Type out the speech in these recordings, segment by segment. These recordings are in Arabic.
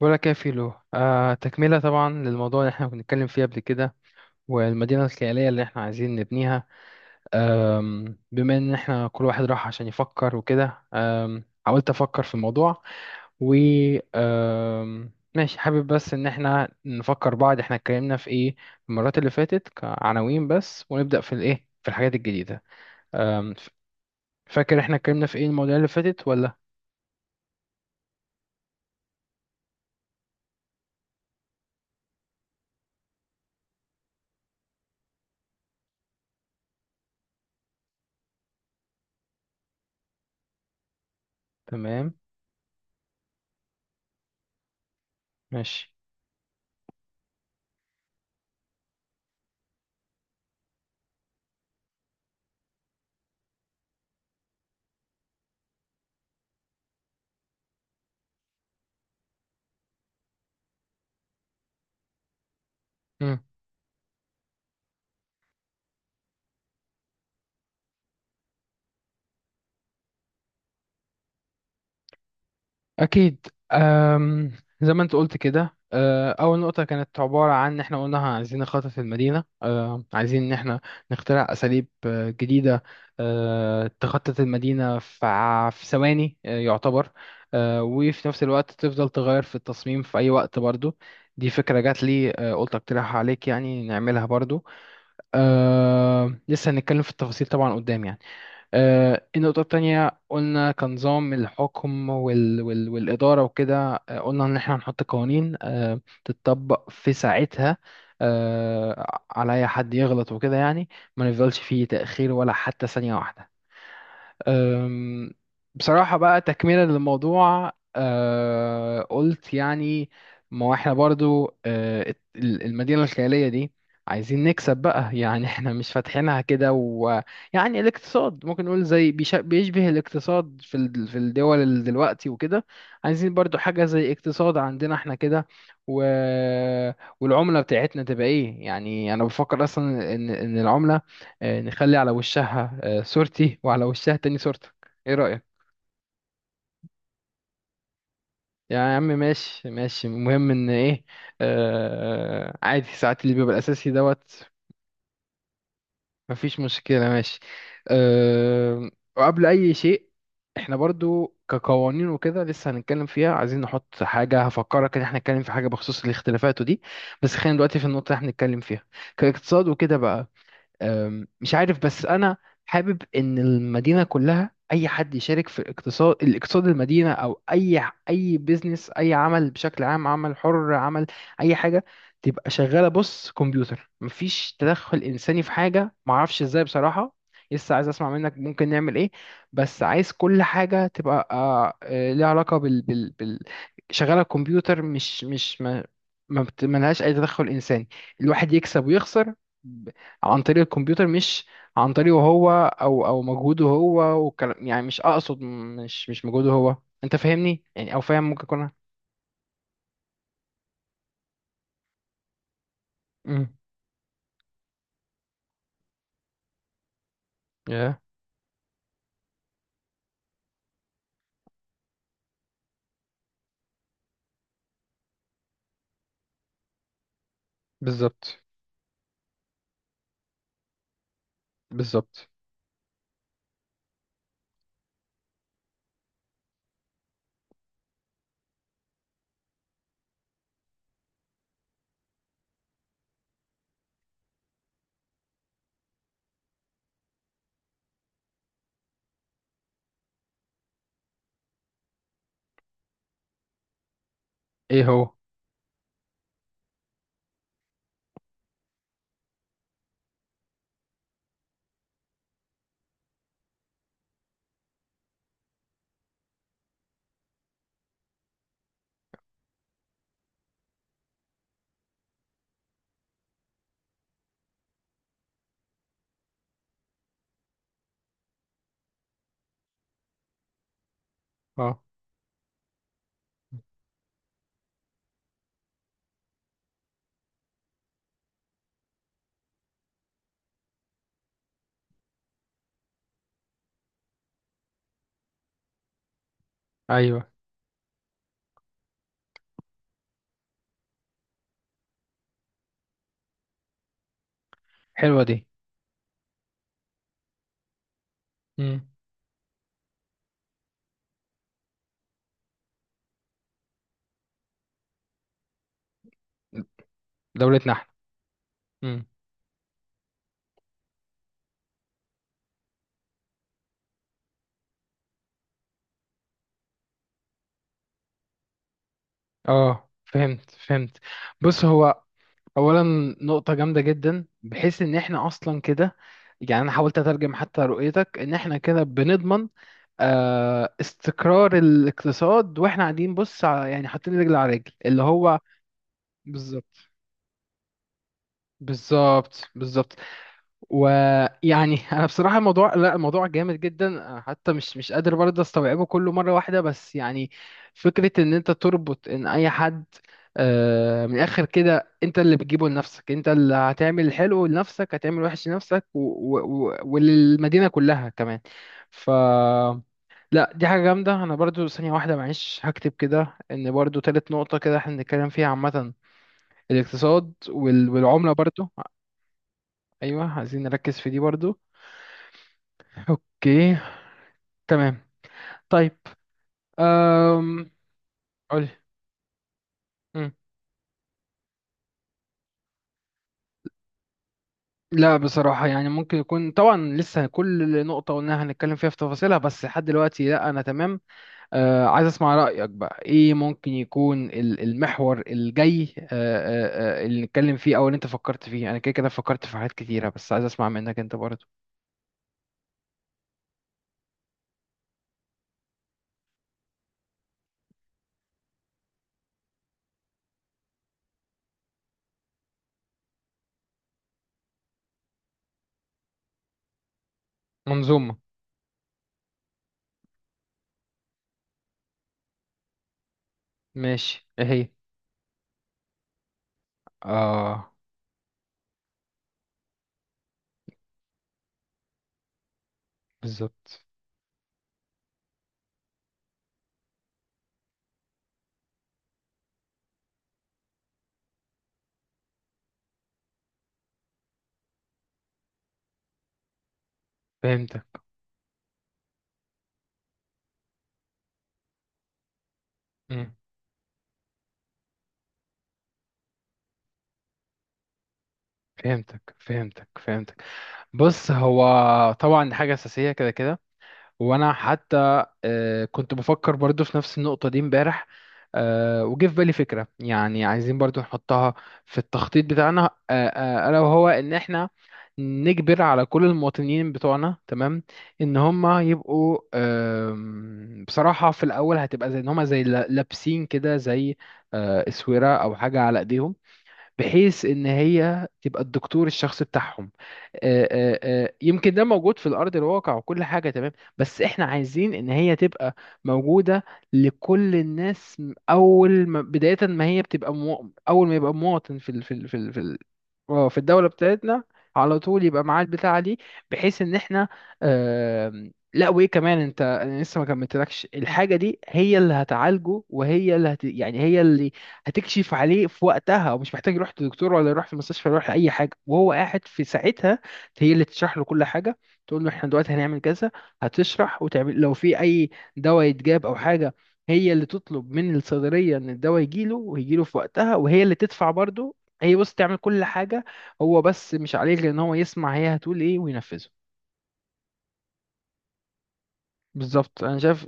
بقولك يا فيلو، تكملة طبعا للموضوع اللي احنا كنا بنتكلم فيه قبل كده. والمدينة الخيالية اللي احنا عايزين نبنيها. بما ان احنا كل واحد راح عشان يفكر وكده، حاولت افكر في الموضوع و ماشي، حابب بس ان احنا نفكر بعض احنا اتكلمنا في ايه المرات اللي فاتت كعناوين بس، ونبدأ في الايه في الحاجات الجديدة. آم، ف- فاكر احنا اتكلمنا في ايه المواضيع اللي فاتت ولا؟ تمام. ماشي. أكيد. أم زي ما أنت قلت كده، أول نقطة كانت عبارة عن إن إحنا قلنا عايزين نخطط المدينة. عايزين إن إحنا نخترع أساليب جديدة. تخطط المدينة في في ثواني، يعتبر. وفي نفس الوقت تفضل تغير في التصميم في أي وقت برضو. دي فكرة جات لي، قلت أقترحها عليك يعني نعملها برضو. لسه هنتكلم في التفاصيل طبعا قدام يعني. النقطة التانية قلنا كنظام الحكم وال وال والإدارة وكده. قلنا إن إحنا هنحط قوانين تتطبق في ساعتها، على أي حد يغلط وكده يعني. ما نفضلش فيه تأخير ولا حتى ثانية واحدة. أم، بصراحة بقى تكملة للموضوع، قلت يعني ما هو احنا برضو، المدينة الخيالية دي عايزين نكسب بقى. يعني احنا مش فاتحينها كده، ويعني الاقتصاد ممكن نقول زي بيشبه الاقتصاد في في الدول دلوقتي وكده. عايزين برضو حاجة زي اقتصاد عندنا احنا كده و... والعملة بتاعتنا تبقى ايه؟ يعني انا بفكر اصلا ان العملة نخلي على وشها صورتي وعلى وشها تاني صورتك. ايه رأيك؟ يا عم، ماشي، ماشي، المهم ان ايه. عادي ساعات اللي بيبقى الاساسي دوت. مفيش مشكلة. ماشي. آه وقبل اي شيء، احنا برضو كقوانين وكده لسه هنتكلم فيها، عايزين نحط حاجة هفكرك ان احنا نتكلم في حاجة بخصوص الاختلافات ودي. بس خلينا دلوقتي في النقطة اللي احنا بنتكلم فيها كاقتصاد وكده بقى. مش عارف بس انا حابب ان المدينه كلها اي حد يشارك في الاقتصاد المدينه، او اي اي بيزنس اي عمل بشكل عام، عمل حر، عمل اي حاجه، تبقى شغاله بص كمبيوتر، مفيش تدخل انساني في حاجه، معرفش ازاي بصراحه. لسه عايز اسمع منك ممكن نعمل ايه. بس عايز كل حاجه تبقى ليها علاقه بال شغاله كمبيوتر. مش مش ما لهاش اي تدخل انساني. الواحد يكسب ويخسر عن طريق الكمبيوتر، مش عن طريقه هو او مجهوده هو. والكلام، يعني مش اقصد مش مش مجهوده هو. انت فاهمني يعني، او فاهم ممكن اكون. امم. يا. بالظبط، بالظبط. ايه هو؟ اه. ايوه. حلوه دي. امم. دولتنا احنا. امم. اه، فهمت، فهمت. بص هو، اولا، نقطه جامده جدا بحيث ان احنا اصلا كده. يعني انا حاولت اترجم حتى رؤيتك ان احنا كده بنضمن استقرار الاقتصاد، واحنا قاعدين بص يعني حاطين رجل على رجل اللي هو. بالظبط، بالظبط، بالظبط. ويعني انا بصراحه، الموضوع لا، الموضوع جامد جدا، أنا حتى مش قادر برضه استوعبه كله مره واحده، بس يعني فكره ان انت تربط ان اي حد من الاخر كده، انت اللي بتجيبه لنفسك، انت اللي هتعمل حلو لنفسك، هتعمل وحش لنفسك، و- و- و- وللمدينه كلها كمان. ف لا، دي حاجة جامدة. أنا برضو ثانية واحدة معلش هكتب كده إن برضو تالت نقطة كده احنا بنتكلم فيها عامة، الاقتصاد وال... والعملة برضو. أيوة، عايزين نركز في دي برضو. أوكي. تمام. طيب. أم... قولي. مم. لا بصراحة يعني ممكن يكون طبعا لسه كل نقطة قلناها هنتكلم فيها في تفاصيلها، بس لحد دلوقتي لا، أنا تمام. عايز اسمع رأيك بقى ايه ممكن يكون المحور الجاي، اللي نتكلم فيه او اللي انت فكرت فيه. انا كده كده فكرت في حاجات كتيرة، بس عايز اسمع منك انت برضه. منظومة. ماشي. ايه هي؟ اه. بالظبط. فهمتك. مم. فهمتك، فهمتك، فهمتك. بص هو، طبعا دي حاجة أساسية كده كده. وانا حتى كنت بفكر برضو في نفس النقطة دي امبارح. وجه في بالي فكرة، يعني عايزين برضو نحطها في التخطيط بتاعنا، الا وهو ان احنا نجبر على كل المواطنين بتوعنا، تمام، ان هم يبقوا. بصراحة في الاول هتبقى زي ان هم زي لابسين كده زي اسورة او حاجة على ايديهم، بحيث ان هي تبقى الدكتور الشخصي بتاعهم. يمكن ده موجود في الارض الواقع وكل حاجه تمام، بس احنا عايزين ان هي تبقى موجوده لكل الناس اول ما بدايه ما هي بتبقى، اول ما يبقى مواطن في ال في ال في ال في ال في الدوله بتاعتنا، على طول يبقى معاه البتاعه دي، بحيث ان احنا لا وايه كمان انت، انا لسه ما كملتلكش الحاجه دي. هي اللي هتعالجه وهي اللي يعني هي اللي هتكشف عليه في وقتها، ومش محتاج يروح لدكتور ولا يروح في المستشفى ولا يروح لأي حاجة، وهو قاعد في ساعتها هي اللي تشرح له كل حاجة، تقول له احنا دلوقتي هنعمل كذا. هتشرح وتعمل لو في أي دواء يتجاب أو حاجة، هي اللي تطلب من الصيدلية إن الدواء يجيله، ويجيله في وقتها، وهي اللي تدفع برضه. هي بص تعمل كل حاجة، هو بس مش عليه غير إن هو يسمع هي هتقول إيه وينفذه. بالظبط، أنا شايف.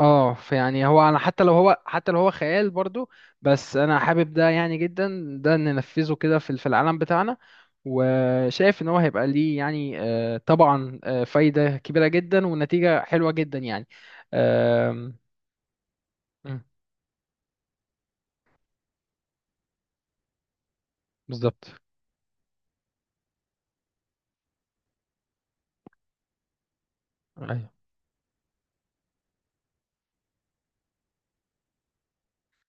اه فيعني هو، انا حتى لو هو خيال برضو، بس انا حابب ده يعني جدا ده ننفذه كده في العالم بتاعنا. وشايف ان هو هيبقى ليه يعني، طبعا فايدة كبيرة جدا ونتيجة حلوة جدا يعني. آم، مم، بالظبط. أيوة.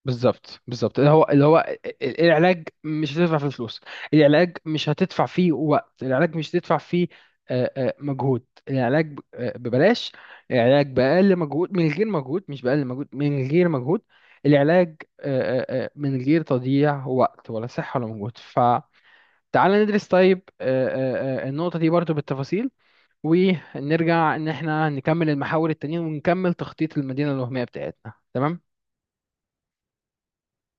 بالظبط، بالظبط. اللي هو العلاج مش هتدفع فيه فلوس، العلاج مش هتدفع فيه وقت، العلاج مش هتدفع فيه مجهود. العلاج ببلاش. العلاج بأقل مجهود من غير مجهود، مش بأقل مجهود من غير مجهود. العلاج من غير تضييع وقت ولا صحة ولا مجهود. فتعال ندرس، طيب، النقطة دي برضو بالتفاصيل، ونرجع ان احنا نكمل المحاور التانية، ونكمل تخطيط المدينة الوهمية بتاعتنا، تمام.